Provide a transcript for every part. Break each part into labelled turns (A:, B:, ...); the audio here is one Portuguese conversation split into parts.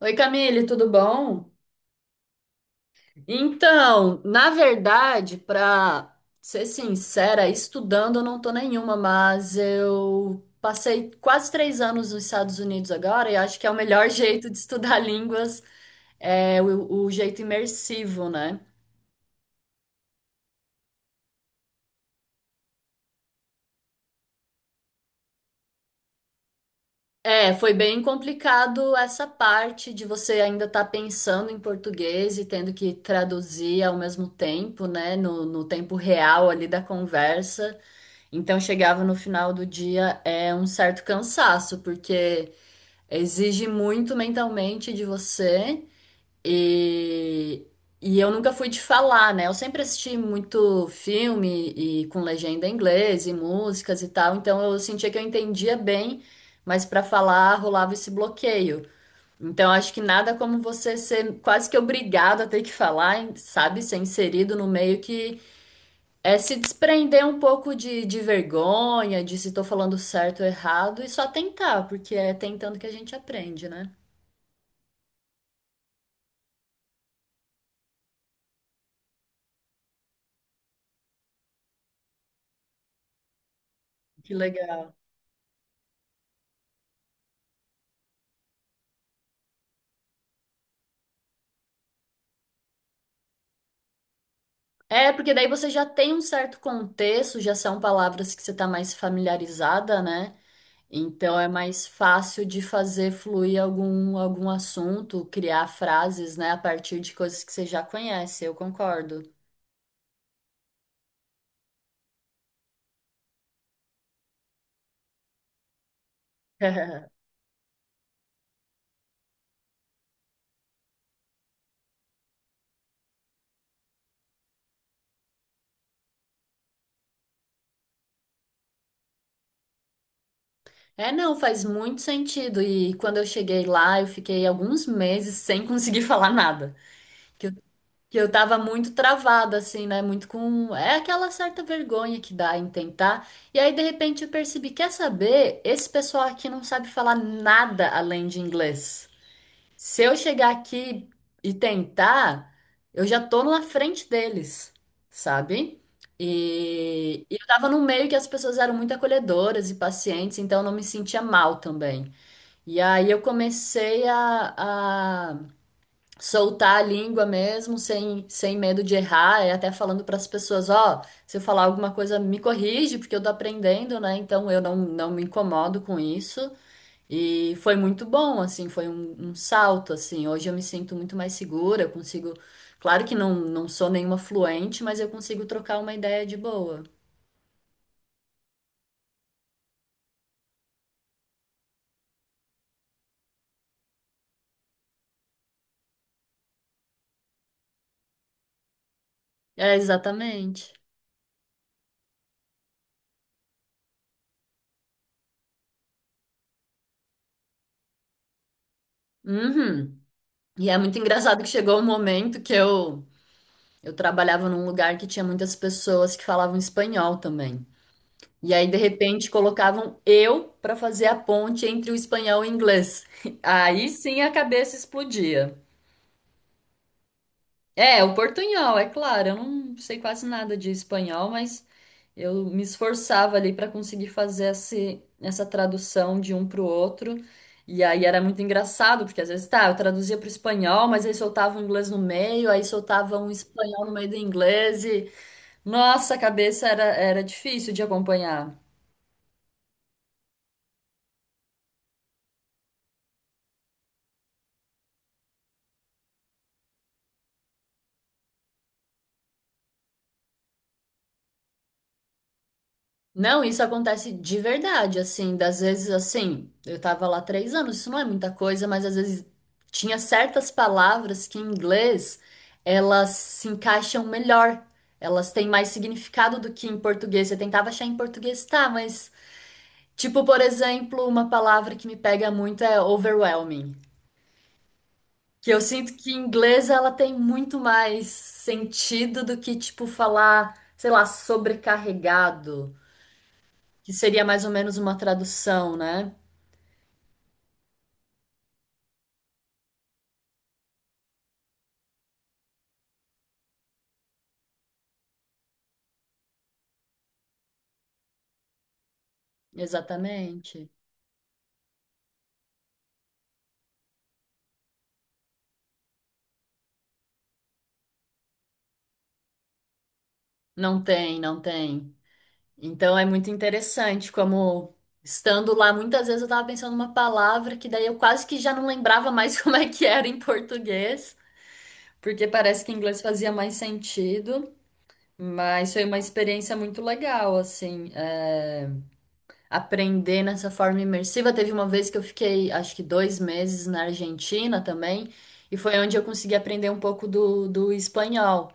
A: Oi, Camille, tudo bom? Então, na verdade, para ser sincera, estudando eu não tô nenhuma, mas eu passei quase 3 anos nos Estados Unidos agora e acho que é o melhor jeito de estudar línguas, é o jeito imersivo, né? É, foi bem complicado essa parte de você ainda estar pensando em português e tendo que traduzir ao mesmo tempo, né? No tempo real ali da conversa. Então chegava no final do dia é um certo cansaço, porque exige muito mentalmente de você e, e eu nunca fui de falar, né? Eu sempre assisti muito filme e com legenda em inglês e músicas e tal, então eu sentia que eu entendia bem, mas para falar rolava esse bloqueio. Então acho que nada como você ser quase que obrigado a ter que falar, sabe? Ser inserido no meio que é se desprender um pouco de vergonha, de se tô falando certo ou errado, e só tentar, porque é tentando que a gente aprende, né? Que legal. É, porque daí você já tem um certo contexto, já são palavras que você tá mais familiarizada, né? Então é mais fácil de fazer fluir algum assunto, criar frases, né, a partir de coisas que você já conhece, eu concordo. É, não, faz muito sentido. E quando eu cheguei lá, eu fiquei alguns meses sem conseguir falar nada. Que eu, que eu tava muito travada, assim, né? Muito com. É aquela certa vergonha que dá em tentar. E aí, de repente, eu percebi: quer saber? Esse pessoal aqui não sabe falar nada além de inglês. Se eu chegar aqui e tentar, eu já tô na frente deles, sabe? E eu tava num meio que as pessoas eram muito acolhedoras e pacientes, então eu não me sentia mal também. E aí eu comecei a, soltar a língua mesmo, sem medo de errar, e até falando para as pessoas, ó, se eu falar alguma coisa, me corrige, porque eu tô aprendendo, né? Então eu não me incomodo com isso. E foi muito bom, assim, foi um salto, assim. Hoje eu me sinto muito mais segura, eu consigo. Claro que não sou nenhuma fluente, mas eu consigo trocar uma ideia de boa. É, exatamente. Uhum. E é muito engraçado que chegou um momento que eu trabalhava num lugar que tinha muitas pessoas que falavam espanhol também. E aí, de repente, colocavam eu para fazer a ponte entre o espanhol e o inglês. Aí sim a cabeça explodia. É, o portunhol, é claro, eu não sei quase nada de espanhol, mas eu me esforçava ali para conseguir fazer essa tradução de um para o outro. E aí era muito engraçado, porque às vezes, tá, eu traduzia para o espanhol, mas aí soltava o inglês no meio, aí soltava um espanhol no meio do inglês e, nossa, a cabeça era difícil de acompanhar. Não, isso acontece de verdade, assim, das vezes assim, eu tava lá 3 anos, isso não é muita coisa, mas às vezes tinha certas palavras que em inglês elas se encaixam melhor, elas têm mais significado do que em português. Eu tentava achar em português, tá, mas tipo, por exemplo, uma palavra que me pega muito é overwhelming, que eu sinto que em inglês ela tem muito mais sentido do que tipo falar, sei lá, sobrecarregado. Que seria mais ou menos uma tradução, né? Exatamente. Não tem, não tem. Então é muito interessante como estando lá, muitas vezes eu tava pensando numa palavra que daí eu quase que já não lembrava mais como é que era em português, porque parece que em inglês fazia mais sentido. Mas foi uma experiência muito legal, assim, é, aprender nessa forma imersiva. Teve uma vez que eu fiquei, acho que 2 meses na Argentina também, e foi onde eu consegui aprender um pouco do espanhol.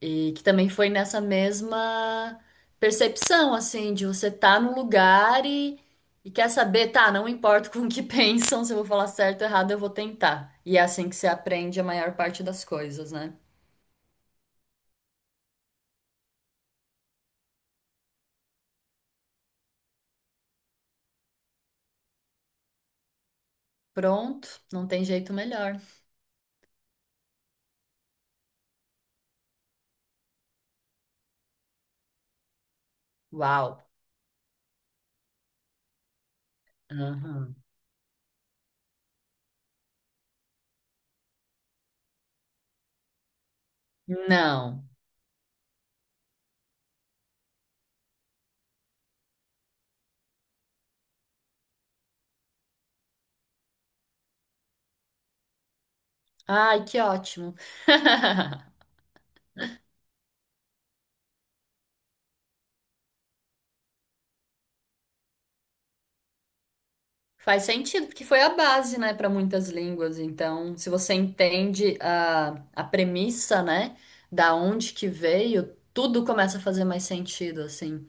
A: E que também foi nessa mesma percepção, assim, de você tá no lugar e quer saber, tá, não importa com o que pensam, se eu vou falar certo ou errado, eu vou tentar. E é assim que você aprende a maior parte das coisas, né? Pronto, não tem jeito melhor. Uau. Aham. Não. Ai, que ótimo. Faz sentido, porque foi a base, né, para muitas línguas. Então, se você entende a premissa, né, da onde que veio, tudo começa a fazer mais sentido, assim.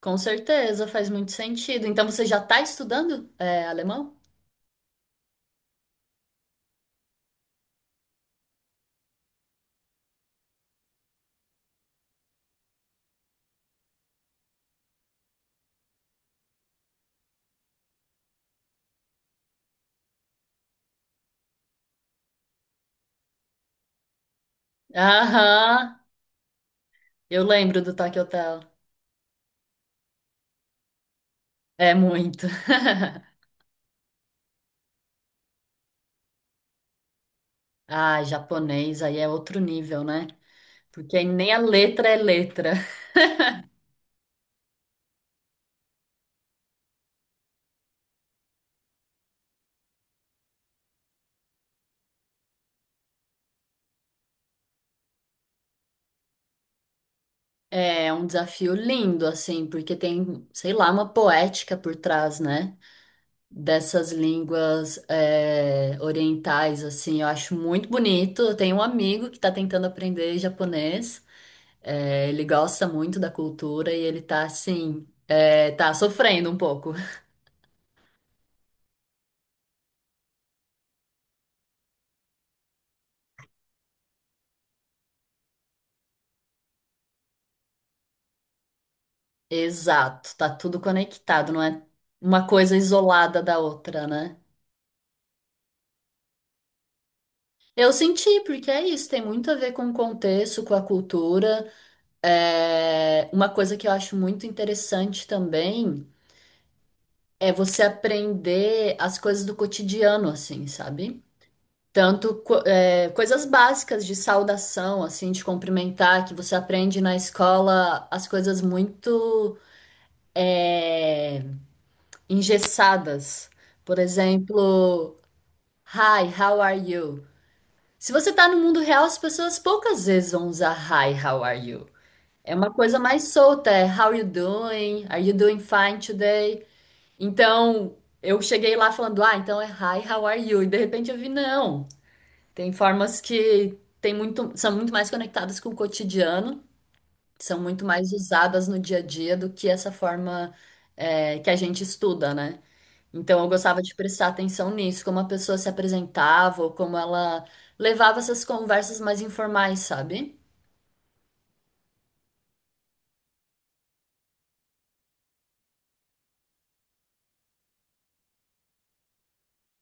A: Com certeza, faz muito sentido. Então, você já tá estudando, é, alemão? Aham, eu lembro do Tokyo Hotel. É muito. Ah, japonês, aí é outro nível, né? Porque aí nem a letra. É um desafio lindo, assim, porque tem, sei lá, uma poética por trás, né? Dessas línguas é, orientais, assim, eu acho muito bonito. Eu tenho um amigo que está tentando aprender japonês, é, ele gosta muito da cultura e ele tá assim, é, tá sofrendo um pouco. Exato, tá tudo conectado, não é uma coisa isolada da outra, né? Eu senti, porque é isso, tem muito a ver com o contexto, com a cultura. É, uma coisa que eu acho muito interessante também. É você aprender as coisas do cotidiano, assim, sabe? Tanto é, coisas básicas de saudação, assim, de cumprimentar, que você aprende na escola as coisas muito é, engessadas. Por exemplo, Hi, how are you? Se você tá no mundo real, as pessoas poucas vezes vão usar Hi, how are you? É uma coisa mais solta, é How you doing? Are you doing fine today? Então, eu cheguei lá falando, ah, então é hi, how are you? E de repente eu vi, não. Tem formas que tem muito, são muito mais conectadas com o cotidiano, são muito mais usadas no dia a dia do que essa forma é, que a gente estuda, né? Então, eu gostava de prestar atenção nisso, como a pessoa se apresentava, ou como ela levava essas conversas mais informais, sabe?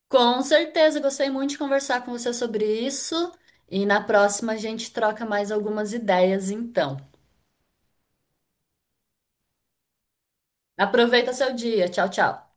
A: Com certeza, gostei muito de conversar com você sobre isso. E na próxima a gente troca mais algumas ideias, então. Aproveita seu dia. Tchau, tchau.